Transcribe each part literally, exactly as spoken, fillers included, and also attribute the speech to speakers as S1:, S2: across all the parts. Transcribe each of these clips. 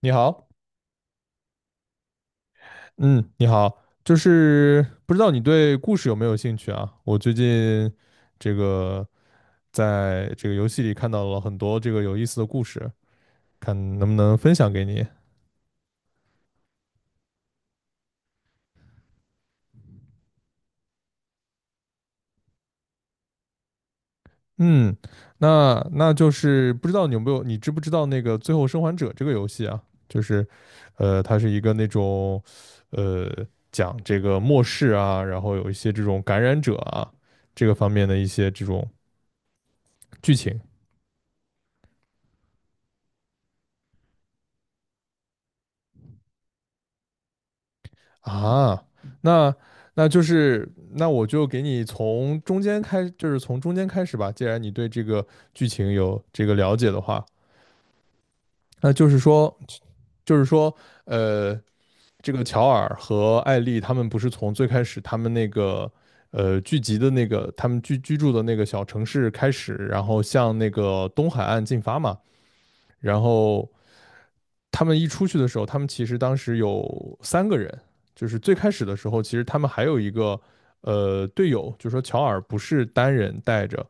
S1: 你好，嗯，你好，就是不知道你对故事有没有兴趣啊？我最近这个在这个游戏里看到了很多这个有意思的故事，看能不能分享给你。嗯，那那就是不知道你有没有，你知不知道那个《最后生还者》这个游戏啊？就是，呃，它是一个那种，呃，讲这个末世啊，然后有一些这种感染者啊，这个方面的一些这种剧情。啊，那那就是那我就给你从中间开，就是从中间开始吧。既然你对这个剧情有这个了解的话，那就是说，就是说，呃，这个乔尔和艾丽他们不是从最开始他们那个呃聚集的那个他们居居住的那个小城市开始，然后向那个东海岸进发嘛，然后。他们一出去的时候，他们其实当时有三个人，就是最开始的时候，其实他们还有一个呃队友，就说乔尔不是单人带着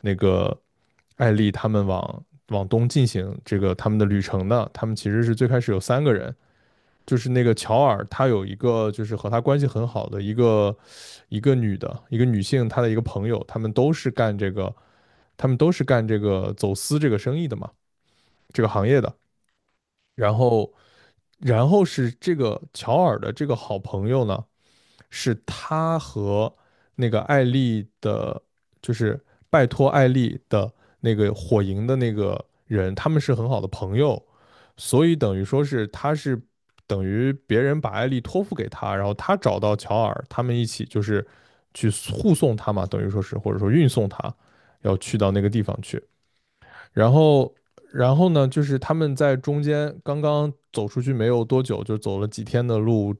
S1: 那个艾丽他们往往东进行这个他们的旅程的，他们其实是最开始有三个人，就是那个乔尔他有一个就是和他关系很好的一个一个女的一个女性，她的一个朋友，他们都是干这个，他们都是干这个走私这个生意的嘛，这个行业的，然后。然后是这个乔尔的这个好朋友呢，是他和那个艾丽的，就是拜托艾丽的那个火营的那个人，他们是很好的朋友，所以等于说是他是等于别人把艾丽托付给他，然后他找到乔尔，他们一起就是去护送他嘛，等于说是或者说运送他要去到那个地方去，然后，然后呢，就是他们在中间刚刚走出去没有多久，就走了几天的路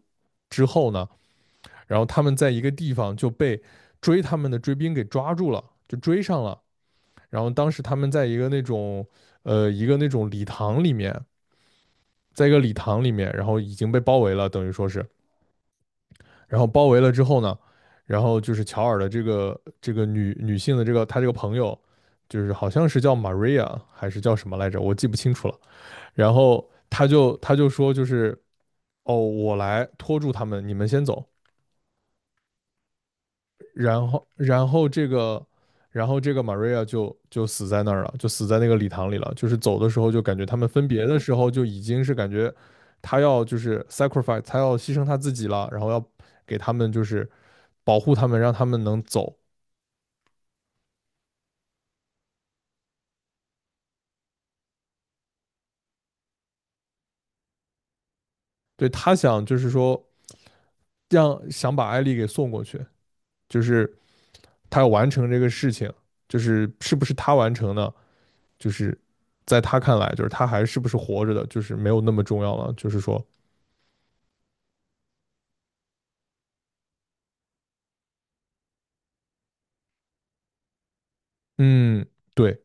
S1: 之后呢，然后他们在一个地方就被追他们的追兵给抓住了，就追上了。然后当时他们在一个那种呃一个那种礼堂里面，在一个礼堂里面，然后已经被包围了，等于说是，然后包围了之后呢，然后就是乔尔的这个这个女女性的这个她这个朋友，就是好像是叫 Maria 还是叫什么来着，我记不清楚了。然后他就他就说就是哦，我来拖住他们，你们先走。然后然后这个然后这个 Maria 就就死在那儿了，就死在那个礼堂里了。就是走的时候就感觉他们分别的时候就已经是感觉他要就是 sacrifice，他要牺牲他自己了，然后要给他们就是保护他们，让他们能走。对他想就是说让想把艾丽给送过去，就是他要完成这个事情，就是是不是他完成呢？就是在他看来，就是他还是不是活着的，就是没有那么重要了。就是说，嗯，对，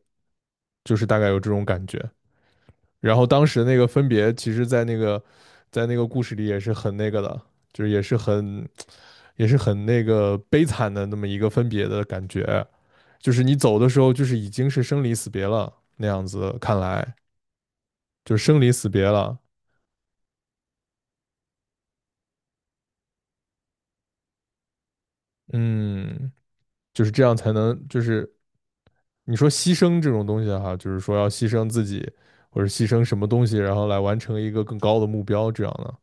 S1: 就是大概有这种感觉。然后当时那个分别，其实，在那个在那个故事里也是很那个的，就是也是很也是很那个悲惨的那么一个分别的感觉。就是你走的时候，就是已经是生离死别了那样子，看来就是生离死别了。嗯，就是这样才能就是你说牺牲这种东西哈，就是说要牺牲自己或者牺牲什么东西，然后来完成一个更高的目标，这样的，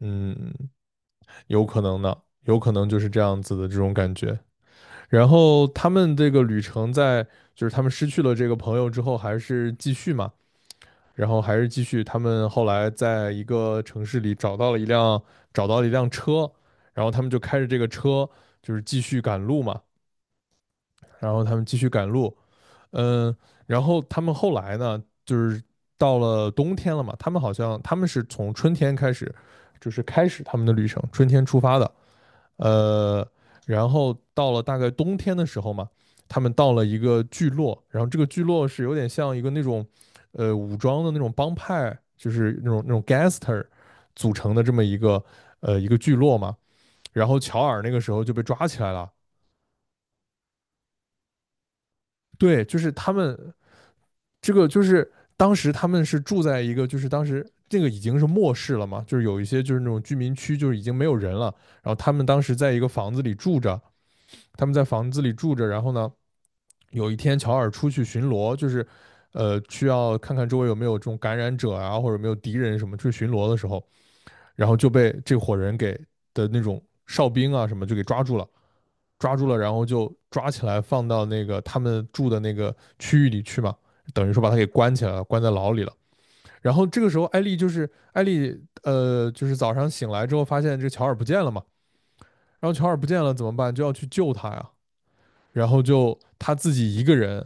S1: 嗯，有可能的，有可能就是这样子的这种感觉。然后他们这个旅程在就是他们失去了这个朋友之后，还是继续嘛，然后还是继续。他们后来在一个城市里找到了一辆找到了一辆车，然后他们就开着这个车就是继续赶路嘛，然后他们继续赶路。嗯，然后他们后来呢，就是到了冬天了嘛，他们好像他们是从春天开始，就是开始他们的旅程，春天出发的，呃，然后到了大概冬天的时候嘛，他们到了一个聚落，然后这个聚落是有点像一个那种，呃，武装的那种帮派，就是那种那种 gangster 组成的这么一个呃一个聚落嘛，然后乔尔那个时候就被抓起来了。对，就是他们这个就是当时他们是住在一个，就是当时这个已经是末世了嘛，就是有一些就是那种居民区，就是已经没有人了。然后他们当时在一个房子里住着，他们在房子里住着。然后呢，有一天乔尔出去巡逻，就是呃需要看看周围有没有这种感染者啊，或者有没有敌人什么去巡逻的时候，然后就被这伙人给的那种哨兵啊什么就给抓住了。抓住了，然后就抓起来放到那个他们住的那个区域里去嘛，等于说把他给关起来了，关在牢里了。然后这个时候，艾丽就是艾丽，呃，就是早上醒来之后发现这乔尔不见了嘛，然后乔尔不见了怎么办？就要去救他呀，然后就他自己一个人。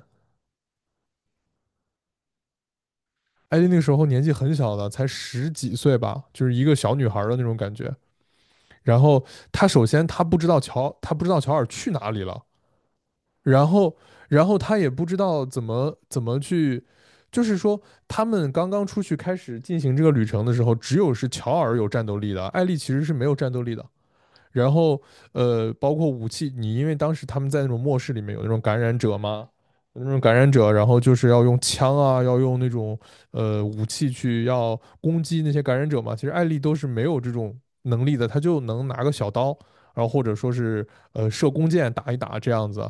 S1: 艾丽那个时候年纪很小的，才十几岁吧，就是一个小女孩的那种感觉。然后她首先她不知道乔，她不知道乔尔去哪里了，然后，然后他也不知道怎么怎么去，就是说，他们刚刚出去开始进行这个旅程的时候，只有是乔尔有战斗力的，艾丽其实是没有战斗力的。然后，呃，包括武器，你因为当时他们在那种末世里面有那种感染者嘛，有那种感染者，然后就是要用枪啊，要用那种呃武器去要攻击那些感染者嘛。其实艾丽都是没有这种能力的，她就能拿个小刀，然后或者说是呃射弓箭打一打这样子。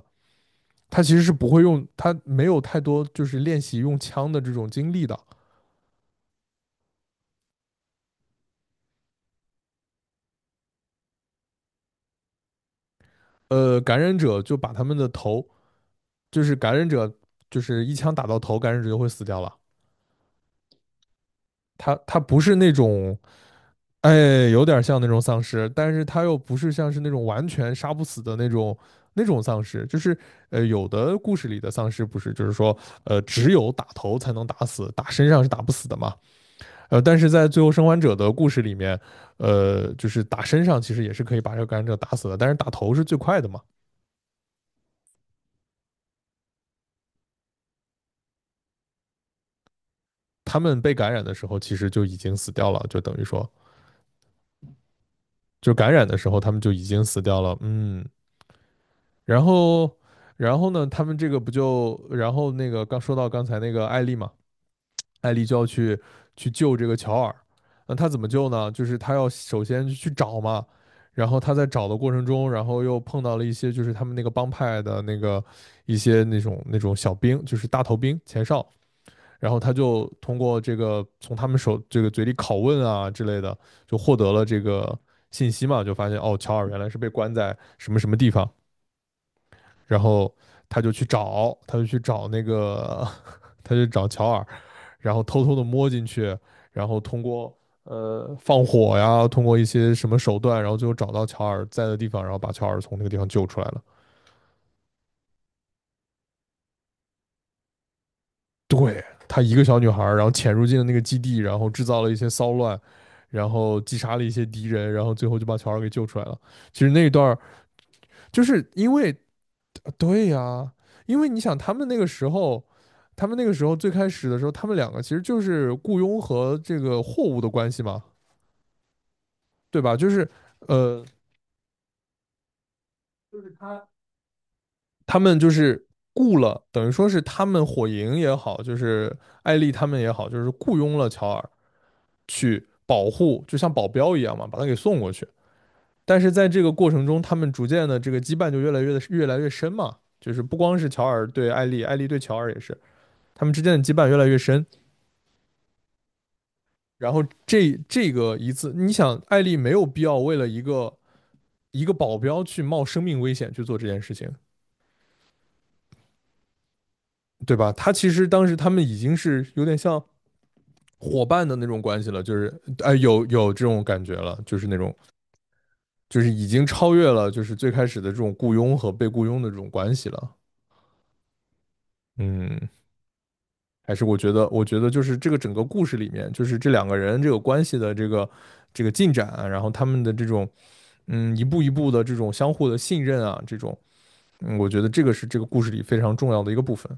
S1: 他其实是不会用，他没有太多就是练习用枪的这种经历的。呃，感染者就把他们的头，就是感染者就是一枪打到头，感染者就会死掉了。他他不是那种，哎，有点像那种丧尸，但是他又不是像是那种完全杀不死的那种那种丧尸，就是呃，有的故事里的丧尸不是，就是说呃，只有打头才能打死，打身上是打不死的嘛。呃，但是在《最后生还者》的故事里面，呃，就是打身上其实也是可以把这个感染者打死的，但是打头是最快的嘛。他们被感染的时候其实就已经死掉了，就等于说，就感染的时候他们就已经死掉了。嗯，然后，然后呢，他们这个不就，然后那个刚说到刚才那个艾丽嘛，艾丽就要去去救这个乔尔。那他怎么救呢？就是他要首先去找嘛，然后他在找的过程中，然后又碰到了一些就是他们那个帮派的那个一些那种那种小兵，就是大头兵前哨。然后他就通过这个从他们手这个嘴里拷问啊之类的，就获得了这个信息嘛，就发现哦，乔尔原来是被关在什么什么地方，然后他就去找，他就去找那个，他就找乔尔，然后偷偷的摸进去，然后通过呃放火呀，通过一些什么手段，然后最后找到乔尔在的地方，然后把乔尔从那个地方救出来了。对，她一个小女孩，然后潜入进了那个基地，然后制造了一些骚乱，然后击杀了一些敌人，然后最后就把乔尔给救出来了。其实那一段就是因为对呀、因为你想他们那个时候。他们那个时候最开始的时候，他们两个其实就是雇佣和这个货物的关系嘛，对吧？就是，呃，他。他们就是雇了，等于说是他们火营也好，就是艾丽他们也好，就是雇佣了乔尔去保护，就像保镖一样嘛，把他给送过去。但是在这个过程中，他们逐渐的这个羁绊就越来越的越来越深嘛，就是不光是乔尔对艾丽，艾丽对乔尔也是，他们之间的羁绊越来越深。然后这这个一次，你想，艾丽没有必要为了一个一个保镖去冒生命危险去做这件事情，对吧？他其实当时他们已经是有点像伙伴的那种关系了，就是哎、呃有有这种感觉了，就是那种就是已经超越了就是最开始的这种雇佣和被雇佣的这种关系了。嗯，还是我觉得，我觉得就是这个整个故事里面，就是这两个人这个关系的这个这个进展啊，然后他们的这种嗯一步一步的这种相互的信任啊，这种嗯，我觉得这个是这个故事里非常重要的一个部分。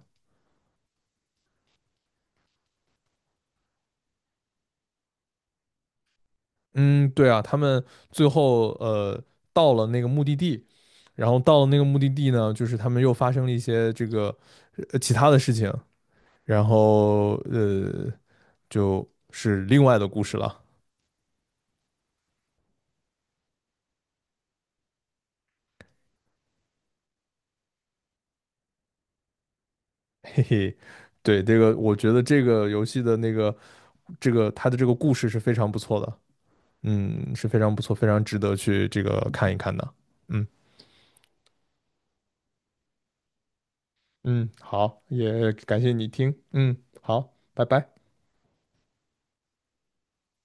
S1: 嗯，对啊，他们最后呃到了那个目的地，然后到了那个目的地呢，就是他们又发生了一些这个呃其他的事情，然后呃就是另外的故事了，嘿嘿。对，这个我觉得这个游戏的那个这个它的这个故事是非常不错的，嗯，是非常不错，非常值得去这个看一看的。嗯嗯，好，也感谢你听，嗯，好，拜拜。